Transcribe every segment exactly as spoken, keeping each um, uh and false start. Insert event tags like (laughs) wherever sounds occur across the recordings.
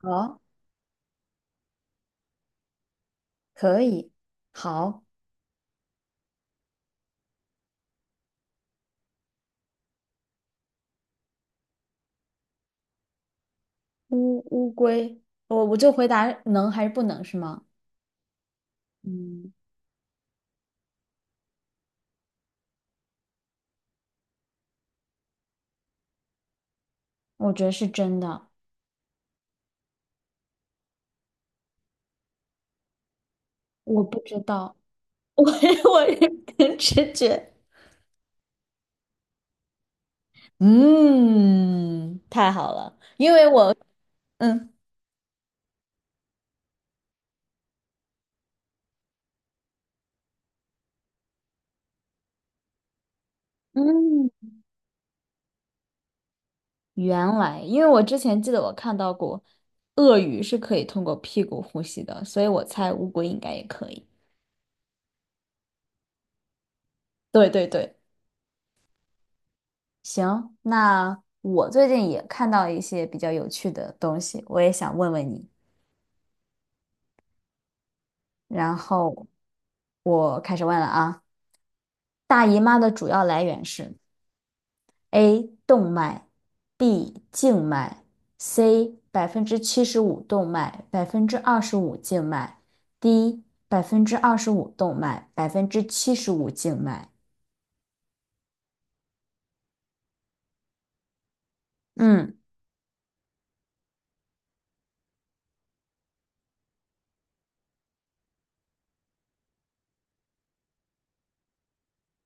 好，可以，好，乌乌龟，我我就回答能还是不能是吗？嗯，我觉得是真的，我不知道。(laughs) 我我也凭直觉。嗯，太好了，因为我嗯，嗯，原来因为我之前记得我看到过，鳄鱼是可以通过屁股呼吸的，所以我猜乌龟应该也可以。对对对。行，那我最近也看到一些比较有趣的东西，我也想问问你。然后我开始问了啊，大姨妈的主要来源是 A 动脉，B 静脉，C 百分之七十五动脉，百分之二十五静脉，D 百分之二十五动脉，百分之七十五静脉。嗯，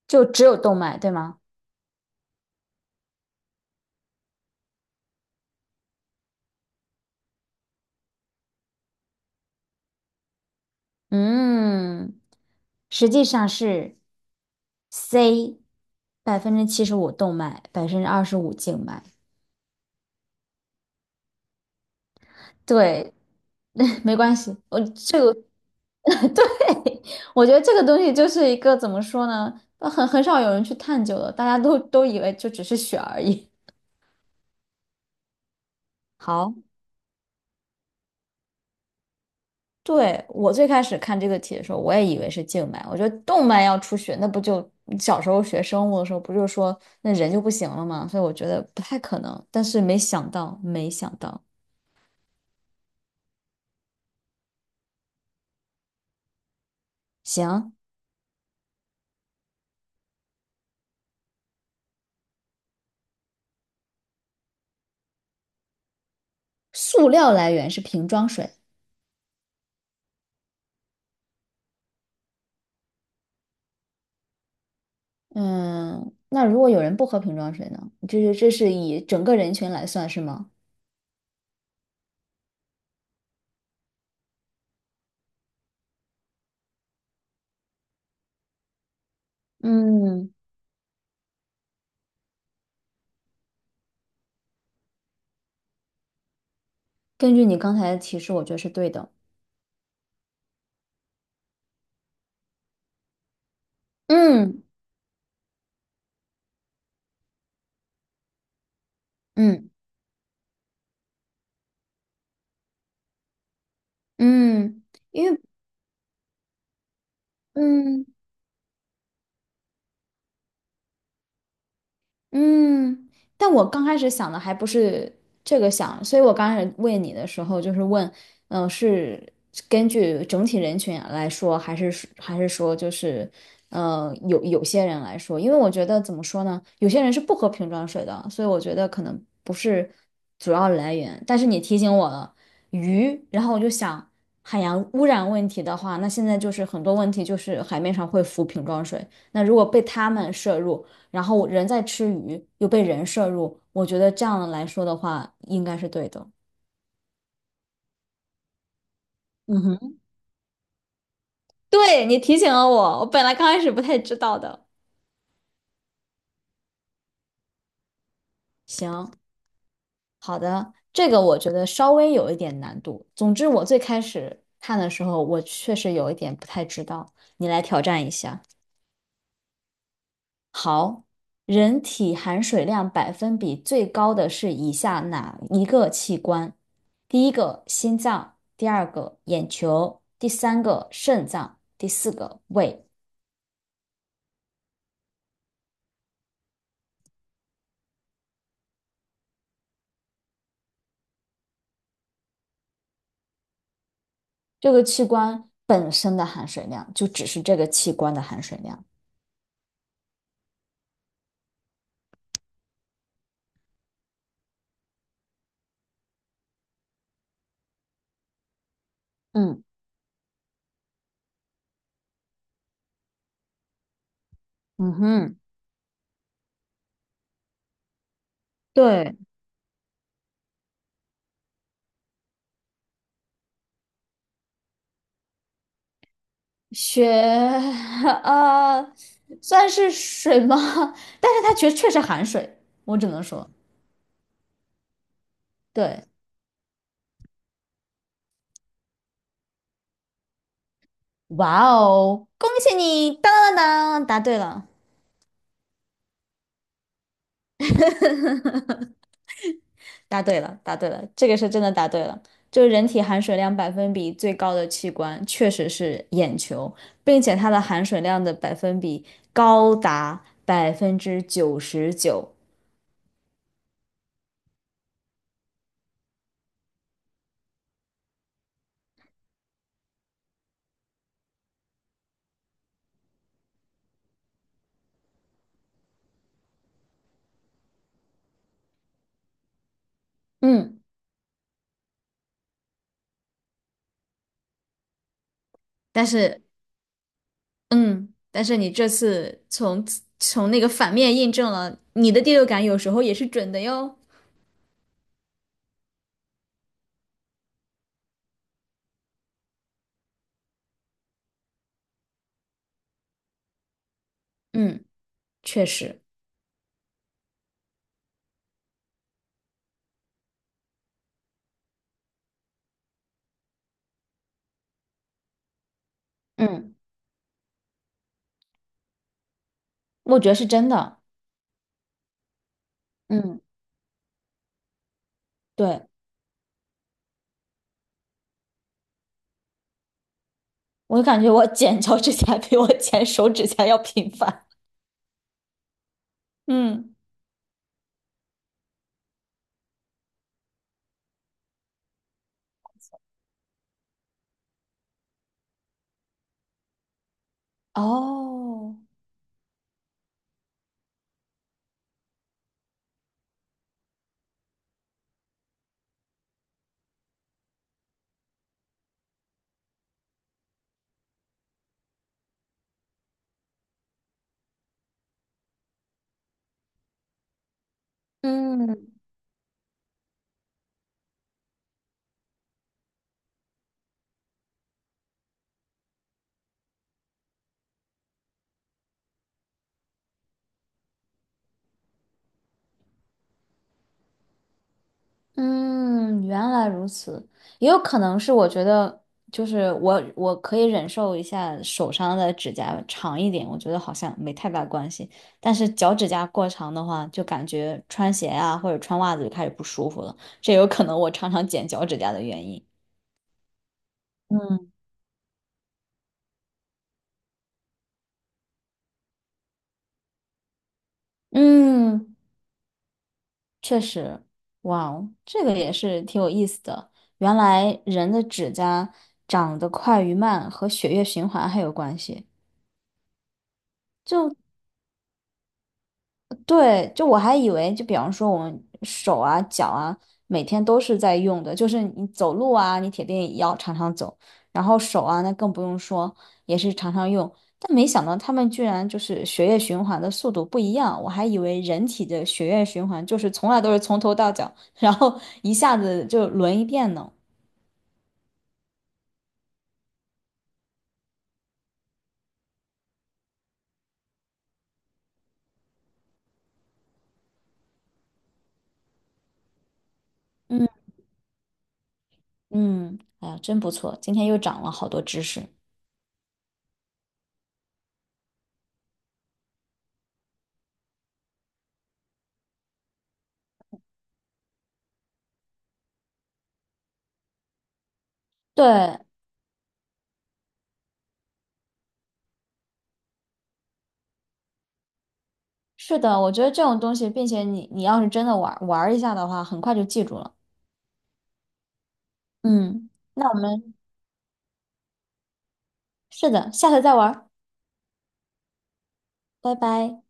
就只有动脉，对吗？嗯，实际上是 C 百分之七十五动脉，百分之二十五静脉。对，(laughs) 没关系，我这个。 (laughs) 对，我觉得这个东西就是一个怎么说呢，很很少有人去探究的，大家都都以为就只是血而已。(laughs) 好。对，我最开始看这个题的时候，我也以为是静脉。我觉得动脉要出血，那不就小时候学生物的时候，不就说那人就不行了吗？所以我觉得不太可能。但是没想到，没想到。行，塑料来源是瓶装水。嗯，那如果有人不喝瓶装水呢？就是这是以整个人群来算，是吗？嗯，根据你刚才的提示，我觉得是对的。嗯嗯嗯，因为嗯。嗯，但我刚开始想的还不是这个想，所以我刚开始问你的时候，就是问，嗯、是根据整体人群来说，还是说还是说就是，呃，有有些人来说，因为我觉得怎么说呢，有些人是不喝瓶装水的，所以我觉得可能不是主要来源。但是你提醒我了鱼，然后我就想，海洋污染问题的话，那现在就是很多问题就是海面上会浮瓶装水，那如果被他们摄入。然后人在吃鱼，又被人摄入，我觉得这样来说的话，应该是对的。嗯哼，对，你提醒了我，我本来刚开始不太知道的。行，好的，这个我觉得稍微有一点难度。总之，我最开始看的时候，我确实有一点不太知道，你来挑战一下。好，人体含水量百分比最高的是以下哪一个器官？第一个心脏，第二个眼球，第三个肾脏，第四个胃。这个器官本身的含水量就只是这个器官的含水量。嗯嗯哼，对，血。 (laughs)，呃，算是水吗？(laughs) 但是它确确实含水，我只能说，对。哇哦，恭喜你！当当当当答对了，答对了，答对了，这个是真的答对了。就是人体含水量百分比最高的器官确实是眼球，并且它的含水量的百分比高达百分之九十九。嗯，但是，嗯，但是你这次从从那个反面印证了你的第六感有时候也是准的哟。嗯，确实。嗯，我觉得是真的。嗯，对。我感觉我剪脚趾甲比我剪手指甲要频繁。嗯哦，嗯嗯，原来如此。也有可能是我觉得，就是我我可以忍受一下手上的指甲长一点，我觉得好像没太大关系。但是脚趾甲过长的话，就感觉穿鞋啊或者穿袜子就开始不舒服了，这有可能我常常剪脚趾甲的原因。嗯。嗯。确实。哇哦，这个也是挺有意思的。原来人的指甲长得快与慢和血液循环还有关系。就对，就我还以为，就比方说我们手啊、脚啊，每天都是在用的，就是你走路啊，你铁定也要常常走，然后手啊，那更不用说，也是常常用。但没想到他们居然就是血液循环的速度不一样，我还以为人体的血液循环就是从来都是从头到脚，(laughs) 然后一下子就轮一遍呢。嗯嗯，哎呀，真不错，今天又长了好多知识。对，是的，我觉得这种东西，并且你你要是真的玩玩儿一下的话，很快就记住了。嗯，那我们是的，下次再玩儿拜拜。